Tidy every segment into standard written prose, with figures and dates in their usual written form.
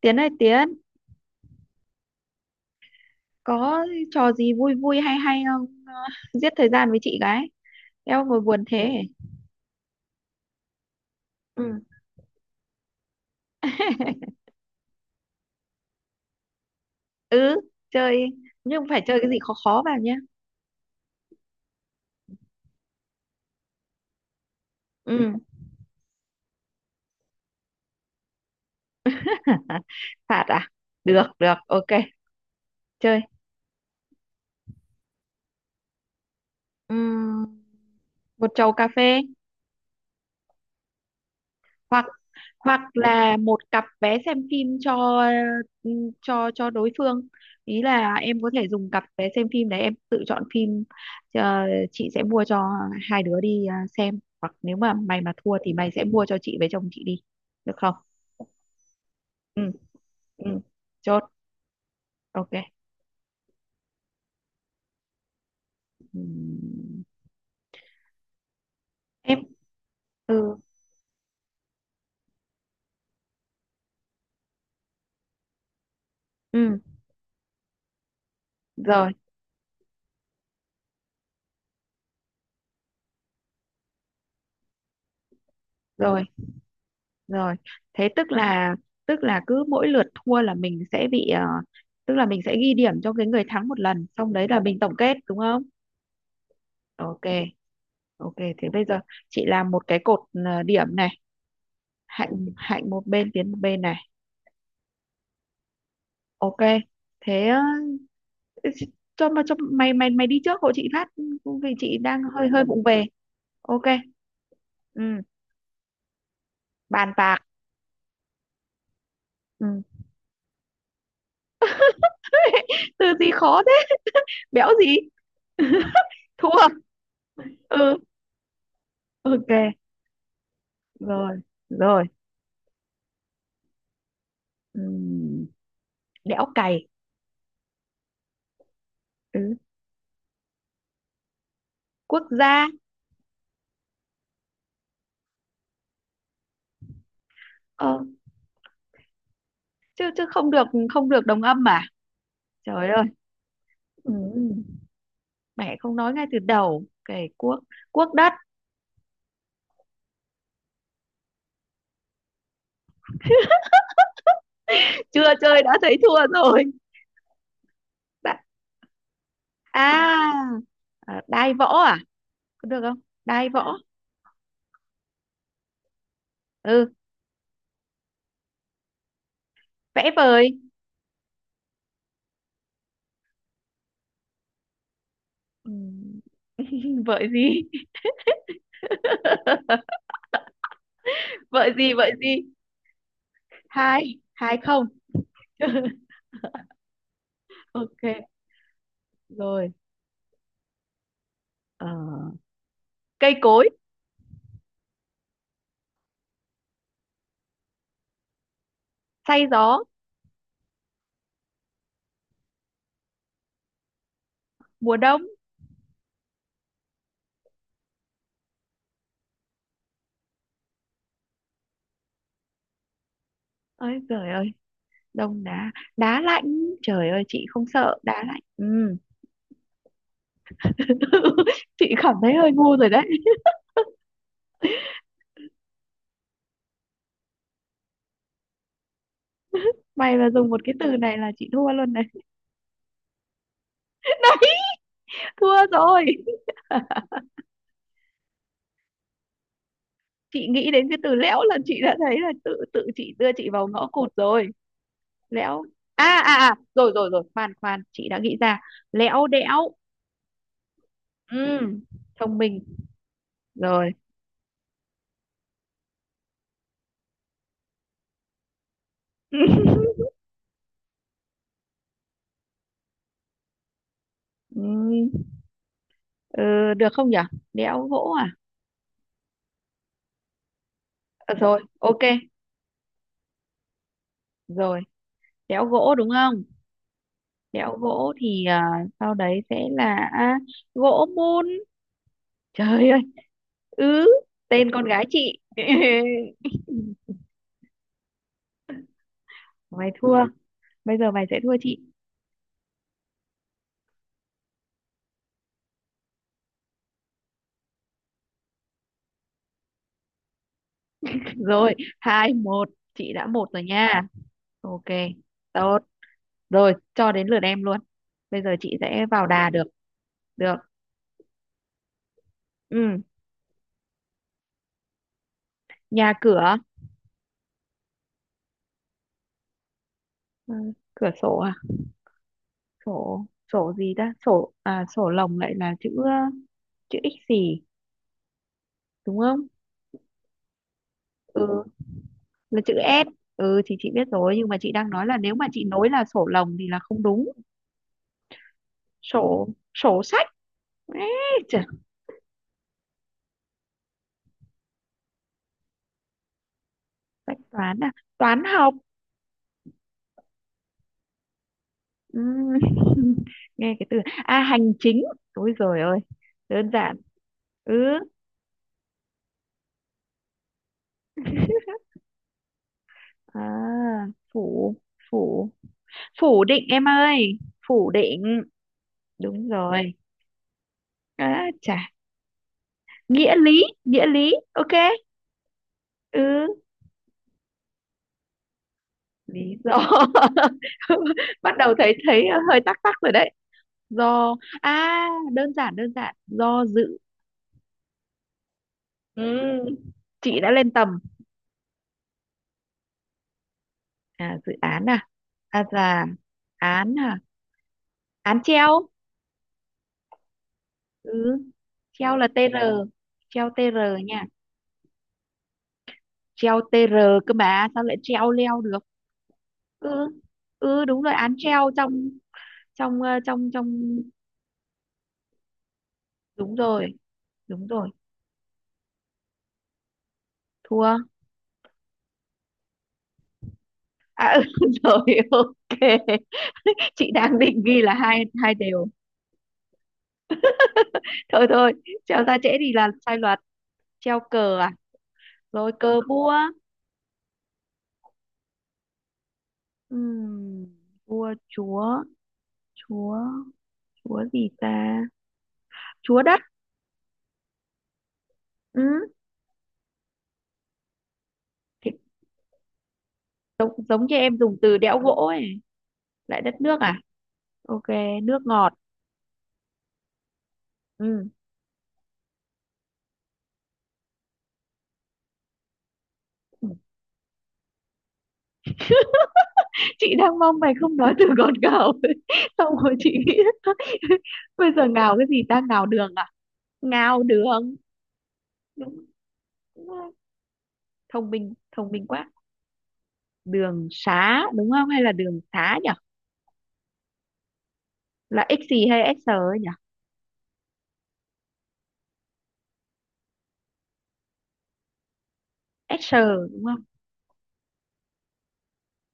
Tiến ơi, Tiến, có trò gì vui vui hay hay không? Ờ, giết thời gian với chị gái, eo ngồi buồn thế. Ừ. Ừ, chơi. Nhưng phải chơi cái gì khó khó vào nhé. Ừ. Phạt à? Được được, ok. Chơi. Ừ, một chầu cà phê, hoặc hoặc là một cặp vé xem phim cho, ừ, cho đối phương. Ý là em có thể dùng cặp vé xem phim đấy, em tự chọn phim. ờ, chị sẽ mua cho hai đứa đi, xem. Hoặc nếu mà mày mà thua thì mày sẽ mua cho chị với chồng chị đi, được không? Ừ, ừ, chốt. Ok. Ừm, em. Ừ, ừ, rồi, rồi, rồi. Thế tức là, cứ mỗi lượt thua là mình sẽ bị, tức là mình sẽ ghi điểm cho cái người thắng một lần, xong đấy là mình tổng kết, đúng không? Ok, ok, thế bây giờ chị làm một cái cột, điểm này, hạnh hạnh một bên, Tiến một bên này. Ok. Thế, cho mày mày mày đi trước hộ chị phát, vì chị đang hơi hơi vụng về. Ok. Ừ, bàn bạc. Ừ. Từ gì khó thế? Béo gì? Thua. Ừ, ok. Rồi, rồi. Ừm, đẽo cày. Ừ. Quốc gia. ờ, chứ chứ không được, không được đồng âm mà. Trời ơi. Ừ. Mẹ không nói ngay từ đầu cày quốc. Quốc đất. Chưa chơi đã thấy thua rồi. Đã- À, đai võ à, có được không đai võ? Ừ, vẽ vời. Ừ. Vợi gì? Vợi gì, vợi gì? Hai hai không. Ok, rồi. ờ, cây cối. Say gió. Mùa đông. Ơi trời ơi, đông đá. Đá lạnh. Trời ơi, chị không sợ đá lạnh. Ừ. Chị cảm thấy hơi ngu rồi đấy. Mày mà dùng một cái từ này là chị thua luôn này. Đấy, thua rồi. Chị nghĩ đến cái từ lẽo là chị đã thấy là tự tự chị đưa chị vào ngõ cụt rồi. Lẽo. À à à, rồi rồi rồi, khoan khoan, chị đã nghĩ ra. Lẽo đẽo. Ừ. Thông minh. Rồi. Ừ. Ừ, được không nhở, đẽo gỗ à? Ờ, rồi ok. Rồi, đẽo gỗ đúng không? Đẽo gỗ thì, sau đấy sẽ là gỗ mun. Trời ơi. Ứ. Tên con gái chị. Mày thua. Bây giờ mày sẽ thua chị rồi. 2-1. Chị đã một rồi nha. Ok. Tốt. Rồi, cho đến lượt em luôn. Bây giờ chị sẽ vào đà được. Được. Ừ. Nhà cửa. Ờ, cửa sổ à? Sổ. Sổ gì ta? Sổ à, sổ lồng lại là chữ chữ x gì, đúng không? Ừ, là chữ S. Ừ, thì chị biết rồi, nhưng mà chị đang nói là nếu mà chị nối là sổ lồng thì là không đúng. Sổ. Sổ sách. Ê, trời, sách toán à? Toán học. Ừm, nghe cái từ, hành chính. Ôi giời ơi, đơn giản. Ừ. à, phủ, phủ, phủ định em ơi, phủ định. Đúng rồi. À, chà, nghĩa lý, nghĩa lý, ok. Ừ, lý do. Bắt đầu thấy thấy hơi tắc tắc rồi đấy. Do à? Đơn giản, đơn giản, do dự. Ừ. Chị đã lên tầm. À, dự án À, là án à, án treo. Ừ, treo là tr. Dạ. Treo tr nha, treo tr, cơ mà sao lại treo leo được? Ừ, ừ, đúng rồi, án treo, trong, trong ờ, trong trong. Đúng rồi, đúng rồi. Thua à? Ừ, rồi ok. Chị đang định ghi là 2-2 đều. Thôi thôi. Treo ra trễ thì là sai luật. Treo cờ à? Rồi, cờ vua. Ừm, vua chúa. Chúa. Chúa gì ta? Chúa đất. Ừ, thì giống giống như em dùng từ đẽo gỗ ấy. Lại đất nước à? Ok. Nước ngọt. Ừ. Chị đang mong mày không nói từ ngọt ngào. Xong rồi chị nghĩ. Bây giờ ngào cái gì ta, ngào đường à? Ngào đường. Đúng, đúng rồi. Thông minh, thông minh quá. Đường xá đúng không, hay là đường xá nhỉ? Là x gì hay s nhỉ? S đúng không?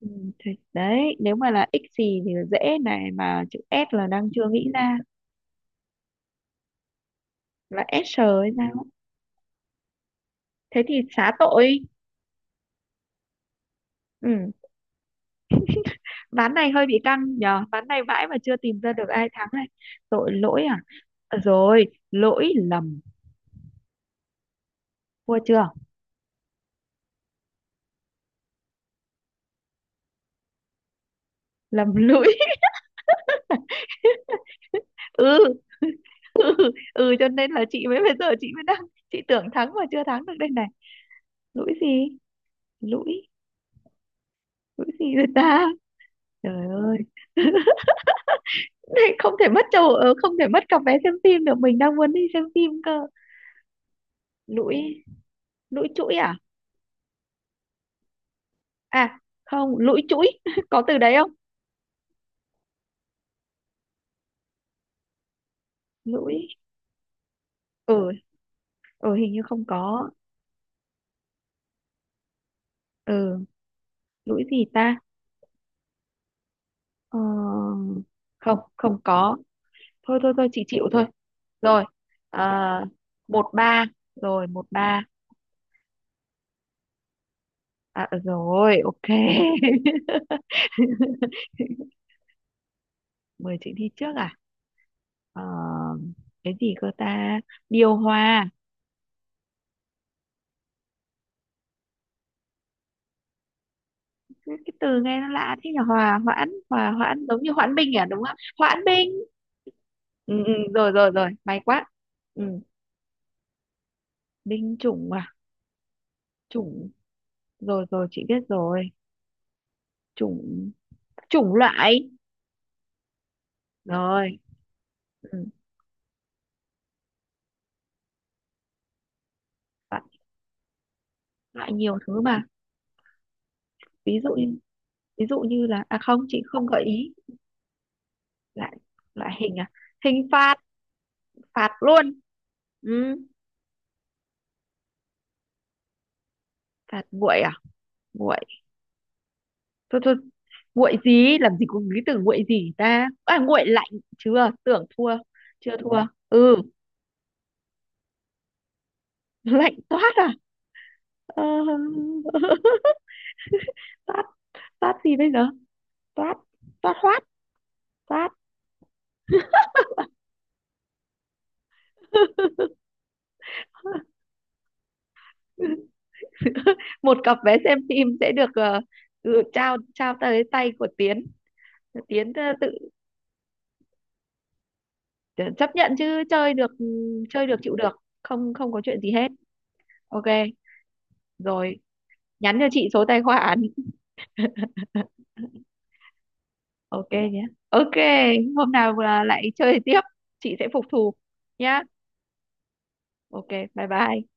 Ừ, thì đấy, nếu mà là x gì thì là dễ, này mà chữ S là đang chưa nghĩ ra, là S sờ hay sao á. Thế thì xá tội. Ừ. Ván này hơi bị căng nhờ, ván này vãi mà chưa tìm ra được ai thắng này. Tội lỗi à? Ờ, rồi, lỗi lầm. Thua chưa? Lầm lũi. Ừ. Ừ, ừ, cho nên là chị mới, bây giờ chị mới đang, chị tưởng thắng mà chưa thắng được đây này. Lũi gì? Lũi. Lũi gì rồi ta? Trời ơi. không thể mất chỗ ờ, không thể mất cặp vé xem phim được, mình đang muốn đi xem phim cơ. Lũi. Lũi chuỗi à? À không, lũi chuỗi, có từ đấy không? Lũi. Ừ, ừ, hình như không có. Ừ, lũi gì ta? ờ, không, không có. Thôi thôi thôi, chị chịu thôi. Rồi. À, 1-3. Rồi, 1-3. À, ờ, rồi ok. Mời chị đi trước à? Ờ, cái gì cơ ta? Điều hòa. Cái từ nghe nó lạ thế nhỉ, hòa hoãn, hòa hoãn giống như hoãn binh à, đúng không, hoãn binh. Ừ, ừ, rồi rồi rồi, may quá. Ừ, binh chủng à? Chủng. Rồi rồi, chị biết rồi. Chủng. Chủng loại. Rồi. Ừ, loại, loại nhiều thứ mà. Ví dụ như ví dụ như là, à không, chị không gợi ý. Lại loại hình à? Hình phạt. Phạt luôn. Ừ, phạt nguội à? Nguội. Thôi thôi, nguội gì, làm gì có cái từ nguội gì ta, à nguội lạnh. Chưa, tưởng thua. Chưa thua. Ừ. Lạnh toát à? ờ, toát. Toát gì bây giờ? Toát. Toát hoát. Toát. Một cặp vé xem phim sẽ được, ừ, trao trao tới tay của Tiến. Tiến, tự, ờ, chấp nhận chứ, chơi được. Ừ, chơi được, chịu được. Không, không có chuyện gì hết. Ok. Rồi. Nhắn cho chị số tài khoản. Ok nhé. Ok. Hôm nào là lại chơi tiếp, chị sẽ phục thù nhá. Ok. Bye bye.